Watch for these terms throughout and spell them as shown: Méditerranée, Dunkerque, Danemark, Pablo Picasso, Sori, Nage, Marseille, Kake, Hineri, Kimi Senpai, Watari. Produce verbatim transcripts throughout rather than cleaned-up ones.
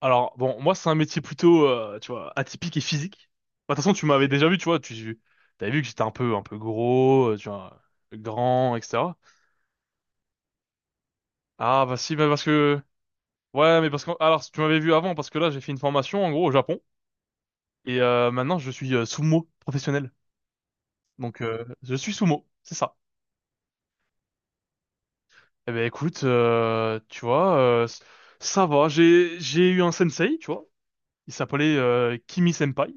Alors, bon, moi, c'est un métier plutôt, euh, tu vois, atypique et physique. Bah, de toute façon, tu m'avais déjà vu, tu vois, tu t'avais vu que j'étais un peu, un peu gros, euh, tu vois, grand, et cetera. Ah, bah si, bah, parce que, ouais, mais parce que, alors, tu m'avais vu avant, parce que là, j'ai fait une formation, en gros, au Japon, et euh, maintenant, je suis euh, sumo professionnel. Donc, euh, je suis sumo, c'est ça. Eh ben, écoute, euh, tu vois, euh, ça va, j'ai, j'ai eu un sensei, tu vois, il s'appelait euh, Kimi Senpai.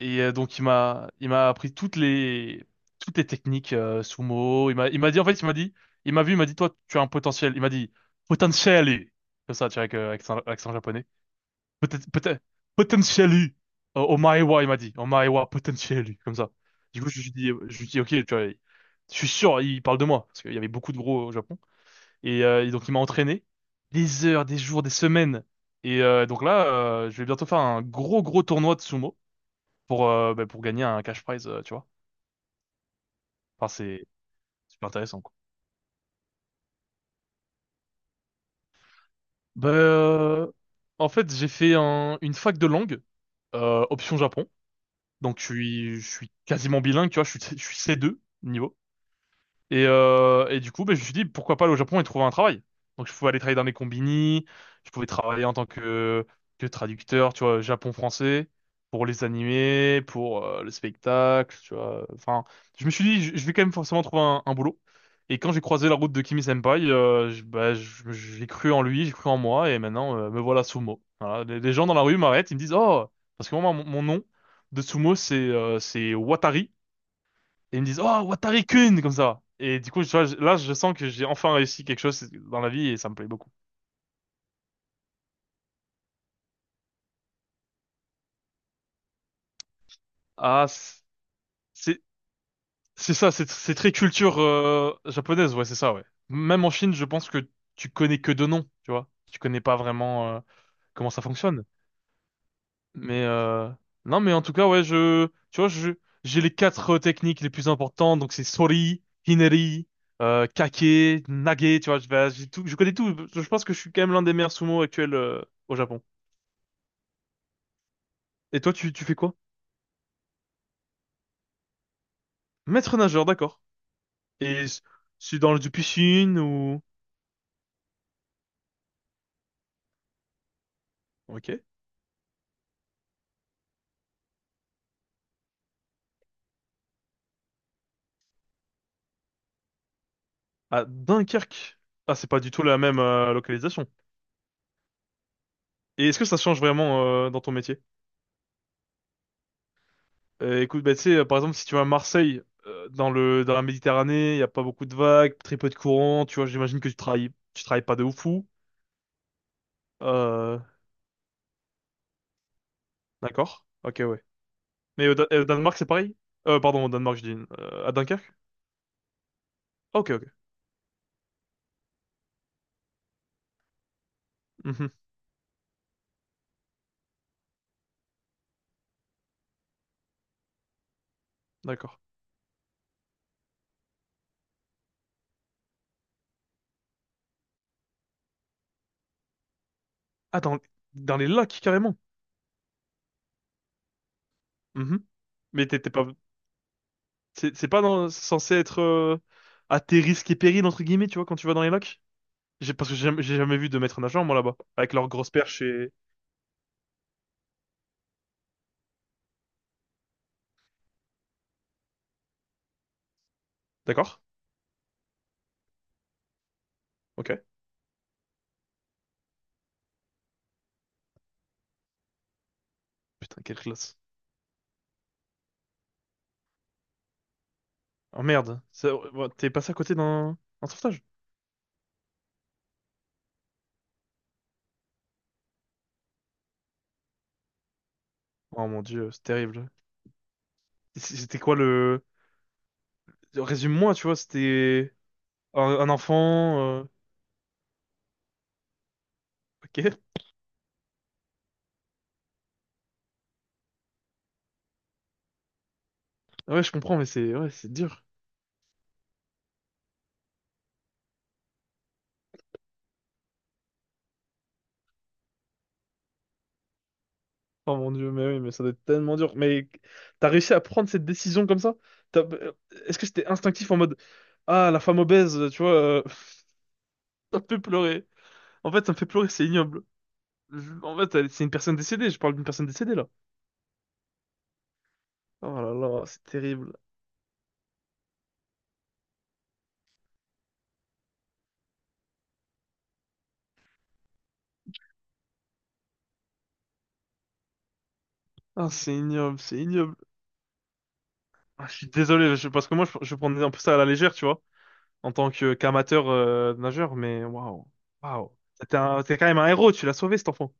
Et euh, donc il m'a il m'a appris toutes les toutes les techniques euh, sumo. Il m'a il m'a dit, en fait, il m'a dit, il m'a vu, il m'a dit, toi tu as un potentiel. Il m'a dit potentially, comme ça tu vois, avec euh, accent, accent japonais. Peut-être, peut-être potentially, euh, omaewa, il m'a dit omaewa potentially, comme ça. Du coup, je lui dis je lui dis ok, tu vois, je suis sûr il parle de moi parce qu'il y avait beaucoup de gros au Japon, et, euh, et donc il m'a entraîné des heures, des jours, des semaines, et euh, donc là, euh, je vais bientôt faire un gros gros tournoi de sumo pour, euh, bah, pour gagner un cash prize, euh, tu vois. Enfin, c'est super intéressant, quoi. Bah, euh, en fait, j'ai fait un- une fac de langue, euh, option Japon. Donc, je suis, je suis quasiment bilingue, tu vois, je suis, je suis C deux niveau. Et, euh, et du coup, ben, je me suis dit, pourquoi pas aller au Japon et trouver un travail? Donc, je pouvais aller travailler dans les combini, je pouvais travailler en tant que, que traducteur, tu vois, Japon-français, pour les animés, pour euh, le spectacle, tu vois. Enfin, je me suis dit, je, je vais quand même forcément trouver un, un boulot. Et quand j'ai croisé la route de Kimi Senpai, euh, je- bah, je- j'ai cru en lui, j'ai cru en moi, et maintenant, euh, me voilà Sumo. Voilà. Les, les gens dans la rue m'arrêtent, ils me disent, oh, parce que moi, mon, mon nom de Sumo, c'est euh, c'est Watari. Et ils me disent, oh, Watari-kun, comme ça. Et du coup, tu vois, je- là, je sens que j'ai enfin réussi quelque chose dans la vie et ça me plaît beaucoup. Ah, c- c'est, c'est ça, c'est, c'est très culture, euh, japonaise, ouais, c'est ça, ouais. Même en Chine, je pense que tu connais que deux noms, tu vois. Tu connais pas vraiment, euh, comment ça fonctionne. Mais, euh, non, mais en tout cas, ouais, je, tu vois, je, j'ai les quatre euh, techniques les plus importantes, donc c'est Sori, Hineri, euh, Kake, Nage, tu vois, je vais, j'ai tout, je connais tout. Je pense que je suis quand même l'un des meilleurs sumo actuels, euh, au Japon. Et toi, tu, tu fais quoi? Maître nageur, d'accord. Et c- c'est dans le du piscine ou. Ok. À Dunkerque. Ah, c'est pas du tout la même euh, localisation. Et est-ce que ça change vraiment euh, dans ton métier? Euh, écoute, bah, tu sais, euh, par exemple, si tu vas à Marseille, euh, dans le, dans la Méditerranée, il n'y a pas beaucoup de vagues, très peu de courant, tu vois, j'imagine que tu travailles, tu travailles pas de ouf fou. Euh, d'accord. Ok, ouais. Mais au, Dan- et au Danemark, c'est pareil? Euh, pardon, au Danemark, je dis. Euh, à Dunkerque? Ok, ok. Mhm, d'accord. Ah, dans, dans les lacs, carrément. Mhm. Mais t'étais pas, C'est c'est pas dans- censé être euh, à tes risques et périls, entre guillemets, tu vois, quand tu vas dans les lacs? J'ai- Parce que j'ai jamais j'ai jamais vu de maître nageur, moi, là-bas. Avec leurs grosses perches et. D'accord? Ok. Putain, quelle classe. Oh merde. Ça- ouais, t'es passé à côté d'un un sauvetage? Oh mon Dieu, c'est terrible. C- C'était quoi le. Résume-moi, tu vois, c'était un, un enfant. euh, Ok. Ouais, je comprends, mais c'est ouais, c'est dur. Oh mon Dieu, mais oui, mais ça doit être tellement dur. Mais t'as réussi à prendre cette décision comme ça? T'as- euh, Est-ce que c'était instinctif en mode, ah, la femme obèse, tu vois, euh, ça me fait pleurer. En fait, ça me fait pleurer, c'est ignoble. Je- En fait, elle- c'est une personne décédée, je parle d'une personne décédée là. Oh là là, c'est terrible. Ah, c'est ignoble, c'est ignoble. Ah, je suis désolé, je- parce que moi, je, je prenais un peu ça à la légère, tu vois, en tant que qu'amateur euh, nageur, mais waouh, waouh. T'es un- t'es quand même un héros, tu l'as sauvé cet enfant.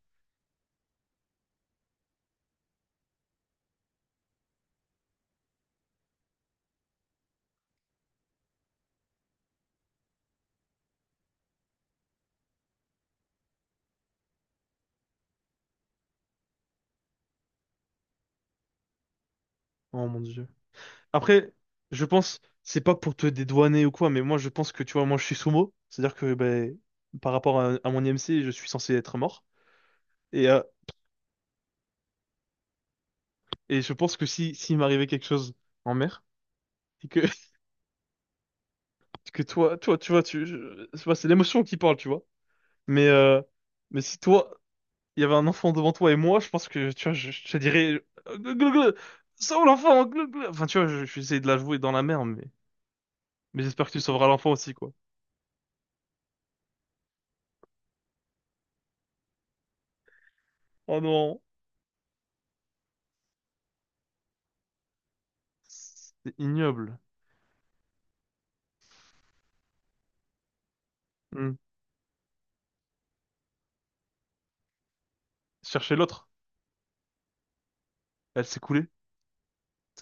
Oh mon Dieu. Après, je pense, c'est pas pour te dédouaner ou quoi, mais moi je pense que tu vois, moi je suis sumo, c'est-à-dire que ben, par rapport à, à mon I M C, je suis censé être mort. Et, euh, et je pense que si s'il m'arrivait quelque chose en mer, et que, que toi, toi, tu vois, tu, je- c'est pas- c'est l'émotion qui parle, tu vois. Mais, euh, mais si toi, il y avait un enfant devant toi et moi, je pense que tu vois, je, je te dirais, euh, glou, glou, glou, sauve l'enfant, glou, glou. Enfin, tu vois, je, je vais essayer de la jouer dans la mer, mais, mais, j'espère que tu sauveras l'enfant aussi, quoi. Oh non, c'est ignoble. Hmm. Chercher l'autre. Elle s'est coulée.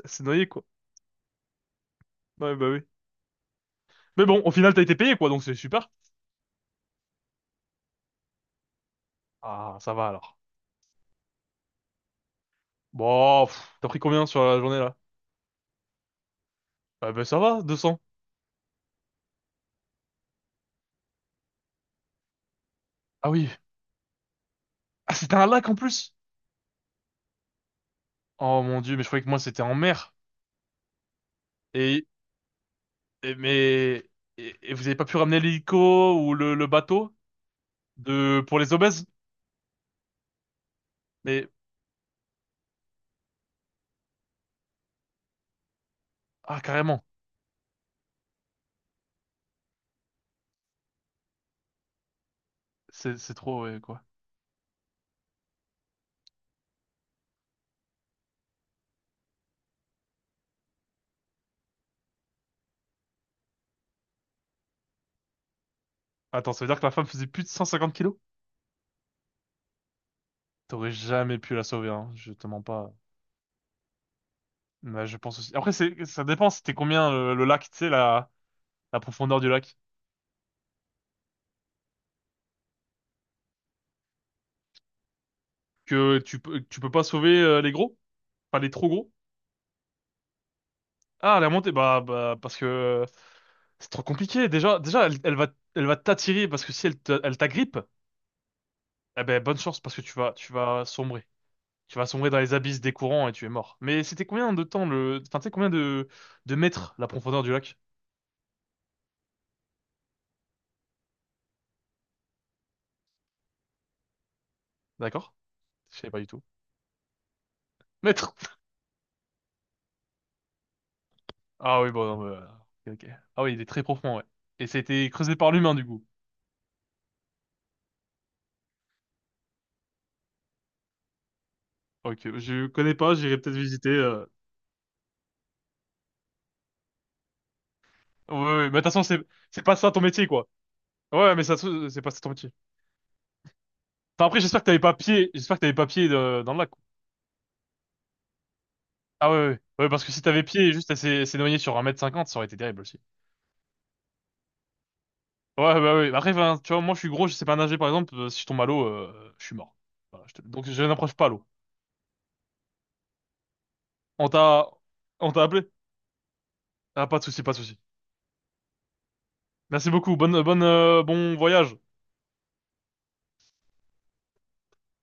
Elle s'est noyée, quoi. Ouais, bah oui. Mais bon, au final, t'as été payé, quoi, donc c'est super. Ah, ça va alors. Bon, pff, t'as pris combien sur la journée, là? Ah, bah ça va, deux cents. Ah oui. Ah, c'était un lac en plus. Oh mon Dieu, mais je croyais que moi, c'était en mer. Et, et- mais, et, et vous avez pas pu ramener l'hélico ou le, le bateau de, pour les obèses? Mais, ah, carrément. C'est, c'est trop, ouais, quoi. Attends, ça veut dire que la femme faisait plus de 150 kilos? T'aurais jamais pu la sauver, hein. Je te mens pas. Bah, je pense aussi. Après, c'est, ça dépend, c'était combien le, le lac, tu sais, la, la profondeur du lac. Que tu peux, tu peux pas sauver euh, les gros? Pas les trop gros? Ah, la montée, bah, bah, parce que euh, c'est trop compliqué. Déjà, déjà, elle, elle va, elle va t'attirer parce que si elle te- elle t'agrippe, eh ben, bonne chance parce que tu vas, tu vas sombrer. Tu vas sombrer dans les abysses des courants et tu es mort. Mais c'était combien de temps le, enfin, tu sais, combien de, de mètres la profondeur du lac? D'accord? Je savais pas du tout. Mètres! Ah oui, bon, non, bah, ok, ok. Ah oui, il est très profond, ouais. Et ça a été creusé par l'humain, du coup. Ok, je connais pas, j'irai peut-être visiter. euh. Ouais, ouais, mais de toute façon, c'est c'est pas ça ton métier, quoi. Ouais, mais ça se trouve, c'est pas ça ton métier. Enfin, après, j'espère que t'avais pas pied, j'espère que t'avais pas pied de- dans le lac, quoi. Ah ouais, ouais, ouais, parce que si t'avais pied et juste elle s'est s'est noyée sur un mètre cinquante, ça aurait été terrible aussi. Ouais, bah ouais. Après, enfin, tu vois, moi je suis gros, je sais pas nager par exemple, euh, si je tombe à l'eau, euh, je suis mort. Voilà, je te- Donc je n'approche pas l'eau. On t'a on t'a appelé? Ah, pas de souci, pas de souci. Merci beaucoup, bonne bonne euh, bon voyage.